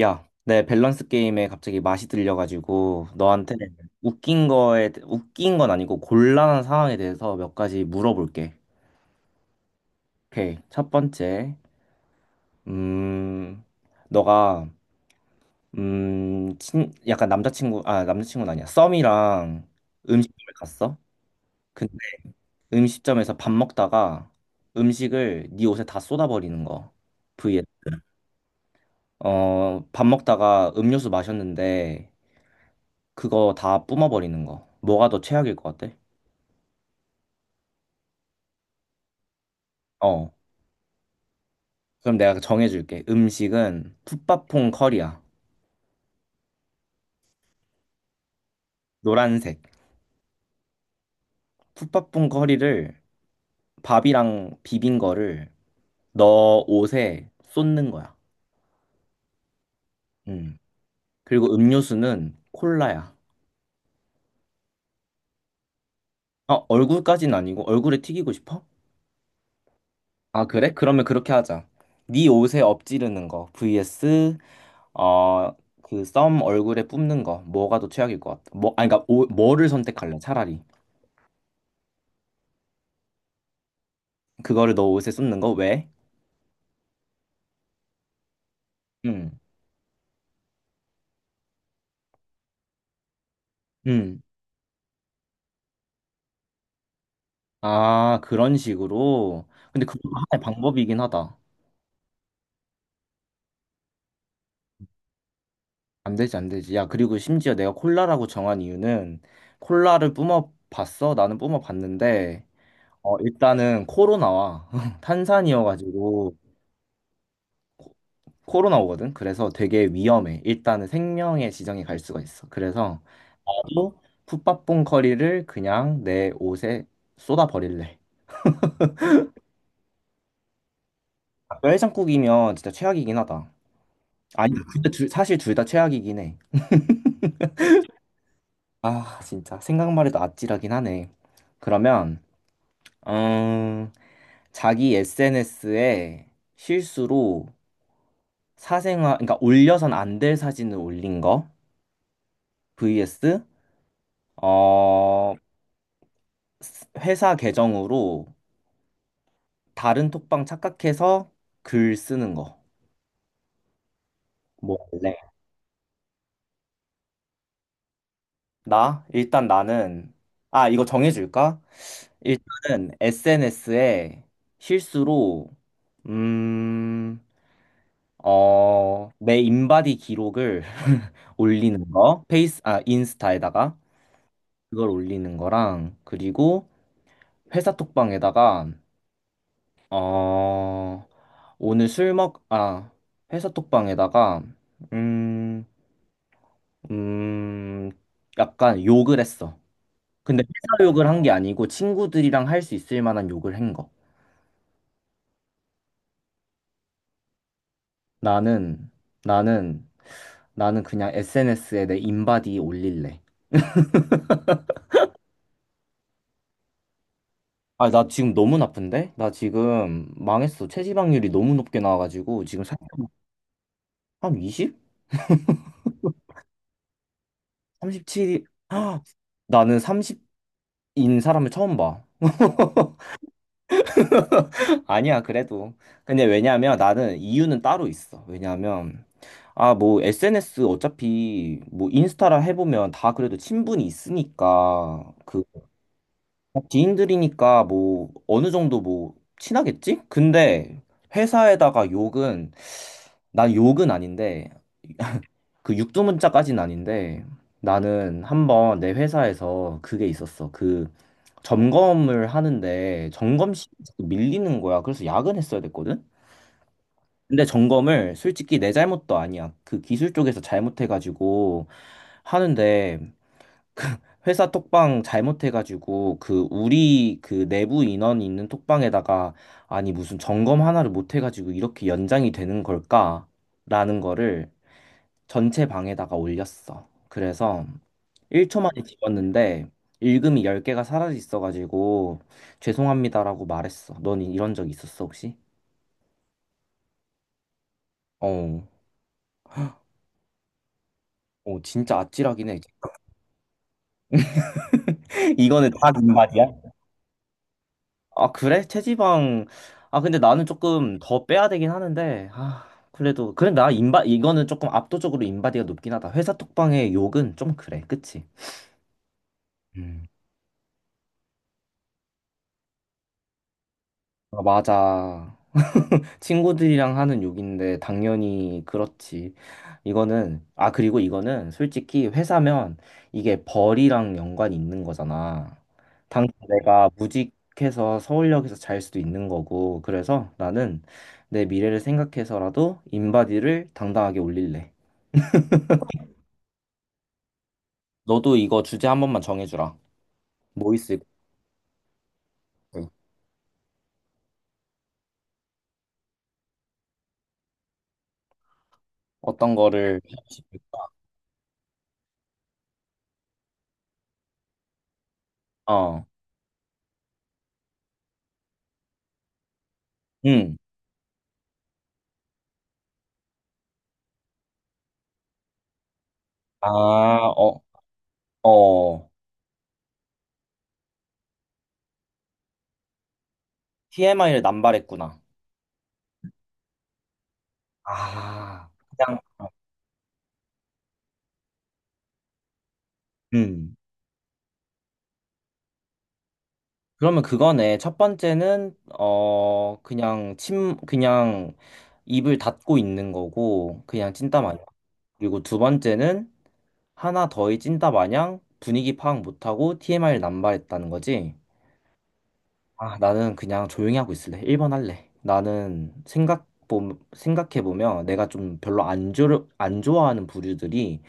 야, 내 밸런스 게임에 갑자기 맛이 들려가지고 너한테 웃긴 건 아니고 곤란한 상황에 대해서 몇 가지 물어볼게. 오케이. 첫 번째, 음, 너가 약간 남자친구는 아니야. 썸이랑 음식점에 갔어. 근데 음식점에서 밥 먹다가 음식을 네 옷에 다 쏟아버리는 거. vs 밥 먹다가 음료수 마셨는데 그거 다 뿜어버리는 거. 뭐가 더 최악일 것 같아? 어, 그럼 내가 정해줄게. 음식은 풋밥퐁 커리야. 노란색. 풋밥퐁 커리를 밥이랑 비빈 거를 너 옷에 쏟는 거야. 음. 그리고 음료수는 콜라야. 어, 얼굴까진 아니고 얼굴에 튀기고 싶어? 아, 그래? 그러면 그렇게 하자. 네 옷에 엎지르는 거 vs 어, 그 썸 얼굴에 뿜는 거 뭐가 더 최악일 것 같아? 뭐, 아니 그러니까 뭐를 선택할래? 차라리 그거를 너 옷에 쏟는 거 왜? 음. 음. 아, 그런 식으로. 근데 그것도 하나의 방법이긴 하다. 안 되지, 안 되지. 야, 그리고 심지어 내가 콜라라고 정한 이유는 콜라를 뿜어봤어? 나는 뿜어봤는데, 일단은 코로 나와. 탄산이어가지고 코로 나오거든. 그래서 되게 위험해. 일단은 생명의 지정이 갈 수가 있어. 그래서 나도 풋밥봉 커리를 그냥 내 옷에 쏟아 버릴래. 닭뼈 해장국이면 진짜 최악이긴 하다. 아니, 근데 사실 둘 다 최악이긴 해. 아, 진짜 생각만 해도 아찔하긴 하네. 그러면 음, 자기 SNS에 실수로 사생활, 그러니까 올려선 안 될 사진을 올린 거 vs 어, 회사 계정으로 다른 톡방 착각해서 글 쓰는 거. 뭐 할래? 나 일단 나는. 이거 정해줄까? 일단은 SNS에 실수로 음. 내 인바디 기록을 올리는 거, 인스타에다가 그걸 올리는 거랑, 그리고 회사 톡방에다가, 어, 오늘 술 먹, 아, 회사 톡방에다가, 음, 음, 약간 욕을 했어. 근데 회사 욕을 한 게 아니고 친구들이랑 할 수 있을 만한 욕을 한 거. 나는, 나는, 나는 그냥 SNS에 내 인바디 올릴래. 아, 나 지금 너무 나쁜데? 나 지금 망했어. 체지방률이 너무 높게 나와가지고 지금 살, 한 20? 37? 나는 30인 사람을 처음 봐. 아니야, 그래도. 근데 왜냐면 나는 이유는 따로 있어. 왜냐면 뭐 SNS 어차피 뭐 인스타라 해보면 다 그래도 친분이 있으니까 그 지인들이니까 뭐 어느 정도 뭐 친하겠지? 근데 회사에다가 욕은 난 욕은 아닌데 그 육두문자까지는 아닌데 나는 한번 내 회사에서 그게 있었어. 그 점검을 하는데 점검 시간이 자꾸 밀리는 거야. 그래서 야근했어야 됐거든. 근데 점검을 솔직히 내 잘못도 아니야. 그 기술 쪽에서 잘못해가지고 하는데 회사 톡방 잘못해가지고 그 우리 그 내부 인원이 있는 톡방에다가 아니 무슨 점검 하나를 못해가지고 이렇게 연장이 되는 걸까? 라는 거를 전체 방에다가 올렸어. 그래서 1초 만에 지웠는데 읽음이 10개가 사라져 있어가지고 죄송합니다라고 말했어. 넌 이런 적 있었어 혹시? 어, 어. 진짜 아찔하긴 해. 이거는 다인바이야. 아, 그래? 체지방. 아, 근데 나는 조금 더 빼야 되긴 하는데 그래도 그래. 나 인바 이거는 조금 압도적으로 인바디가 높긴 하다. 회사 톡방의 욕은 좀 그래, 그치? 음. 아, 맞아. 친구들이랑 하는 욕인데 당연히 그렇지. 이거는 아 그리고 이거는 솔직히 회사면 이게 벌이랑 연관이 있는 거잖아. 당장 내가 무직해서 서울역에서 잘 수도 있는 거고. 그래서 나는 내 미래를 생각해서라도 인바디를 당당하게 올릴래. 너도 이거 주제 한 번만 정해주라. 뭐 있을 것 같아? 어떤 거를 하고 싶을까? 어. 응. 아, 어, 어. TMI를 남발했구나. 아, 그냥 음. 그러면 그거네. 첫 번째는 그냥 입을 닫고 있는 거고 그냥 찐따 마냥. 그리고 두 번째는 하나 더의 찐따 마냥 분위기 파악 못하고 TMI를 남발했다는 거지. 아, 나는 그냥 조용히 하고 있을래. 1번 할래. 나는 생각해 보면 내가 좀 별로 안좋안 좋아하는 부류들이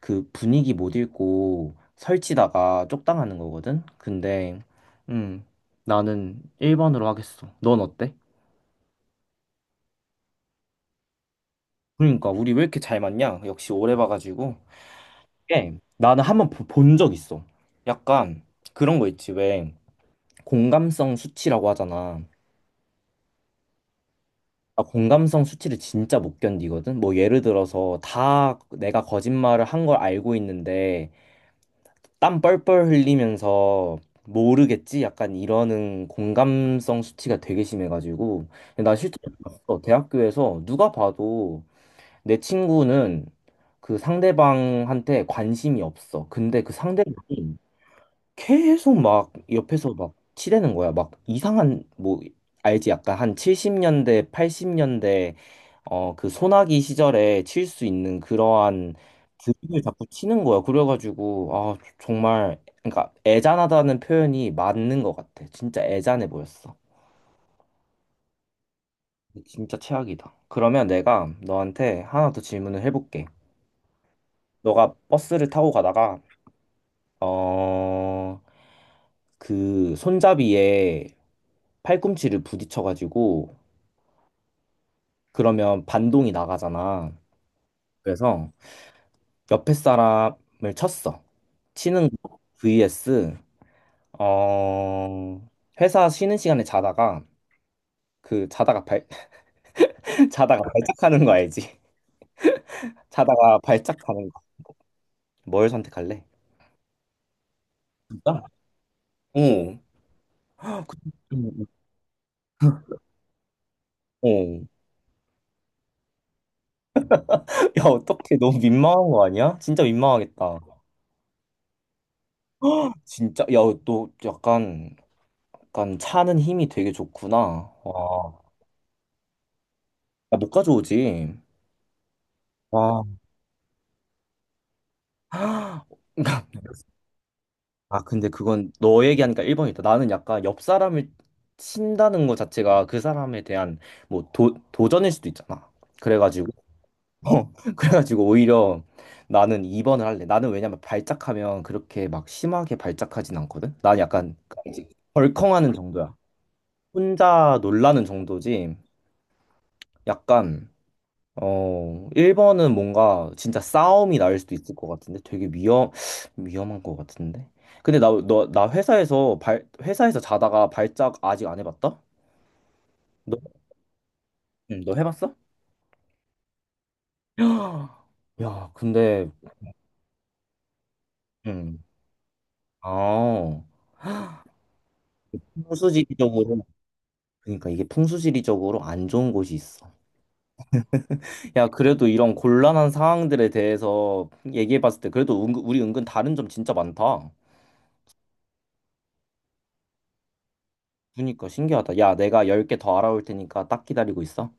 그 분위기 못 읽고 설치다가 쪽당하는 거거든? 근데, 음, 나는 1번으로 하겠어. 넌 어때? 그러니까, 우리 왜 이렇게 잘 맞냐? 역시 오래 봐가지고. 예, 나는 한 번 본 적 있어. 약간 그런 거 있지. 왜 공감성 수치라고 하잖아. 나 공감성 수치를 진짜 못 견디거든? 뭐 예를 들어서 다 내가 거짓말을 한 걸 알고 있는데 땀 뻘뻘 흘리면서 모르겠지? 약간 이러는 공감성 수치가 되게 심해가지고 근데 나 실제로 봤어. 대학교에서 누가 봐도 내 친구는 그 상대방한테 관심이 없어. 근데 그 상대방이 계속 막 옆에서 막 치대는 거야. 막 이상한 뭐 알지? 약간 한 70년대, 80년대 그 소나기 시절에 칠 수 있는 그러한 드립을 자꾸 치는 거야. 그래가지고 정말 그러니까 애잔하다는 표현이 맞는 것 같아. 진짜 애잔해 보였어. 진짜 최악이다. 그러면 내가 너한테 하나 더 질문을 해볼게. 너가 버스를 타고 가다가 어 그 손잡이에 팔꿈치를 부딪혀가지고 그러면 반동이 나가잖아. 그래서 옆에 사람을 쳤어. 치는 거 vs 어 회사 쉬는 시간에 자다가 그 자다가 발 자다가 발작하는 거 알지? 자다가 발작하는 거. 뭘 선택할래? 진짜? 어. 음, 어. 야, 어떡해. 너무 민망한 거 아니야? 진짜 민망하겠다. 진짜 야, 너 약간 차는 힘이 되게 좋구나. 와. 야, 못 가져오지. 와. 아, 근데 그건 너 얘기하니까 1번이다. 나는 약간 옆 사람을 친다는 것 자체가 그 사람에 대한 뭐 도전일 수도 있잖아. 그래가지고, 그래가지고 오히려 나는 2번을 할래. 나는 왜냐면 발작하면 그렇게 막 심하게 발작하진 않거든. 난 약간 벌컹하는 정도야. 혼자 놀라는 정도지. 약간 1번은 뭔가 진짜 싸움이 날 수도 있을 것 같은데 되게 위험한 것 같은데. 근데 나 회사에서 자다가 발작 아직 안 해봤다? 너, 응, 너 해봤어? 야, 근데, 음, 아, 풍수지리적으로, 그러니까 이게 풍수지리적으로 안 좋은 곳이 있어. 야, 그래도 이런 곤란한 상황들에 대해서 얘기해봤을 때 그래도 우리 은근 다른 점 진짜 많다. 그러니까 신기하다. 야, 내가 10개 더 알아올 테니까 딱 기다리고 있어.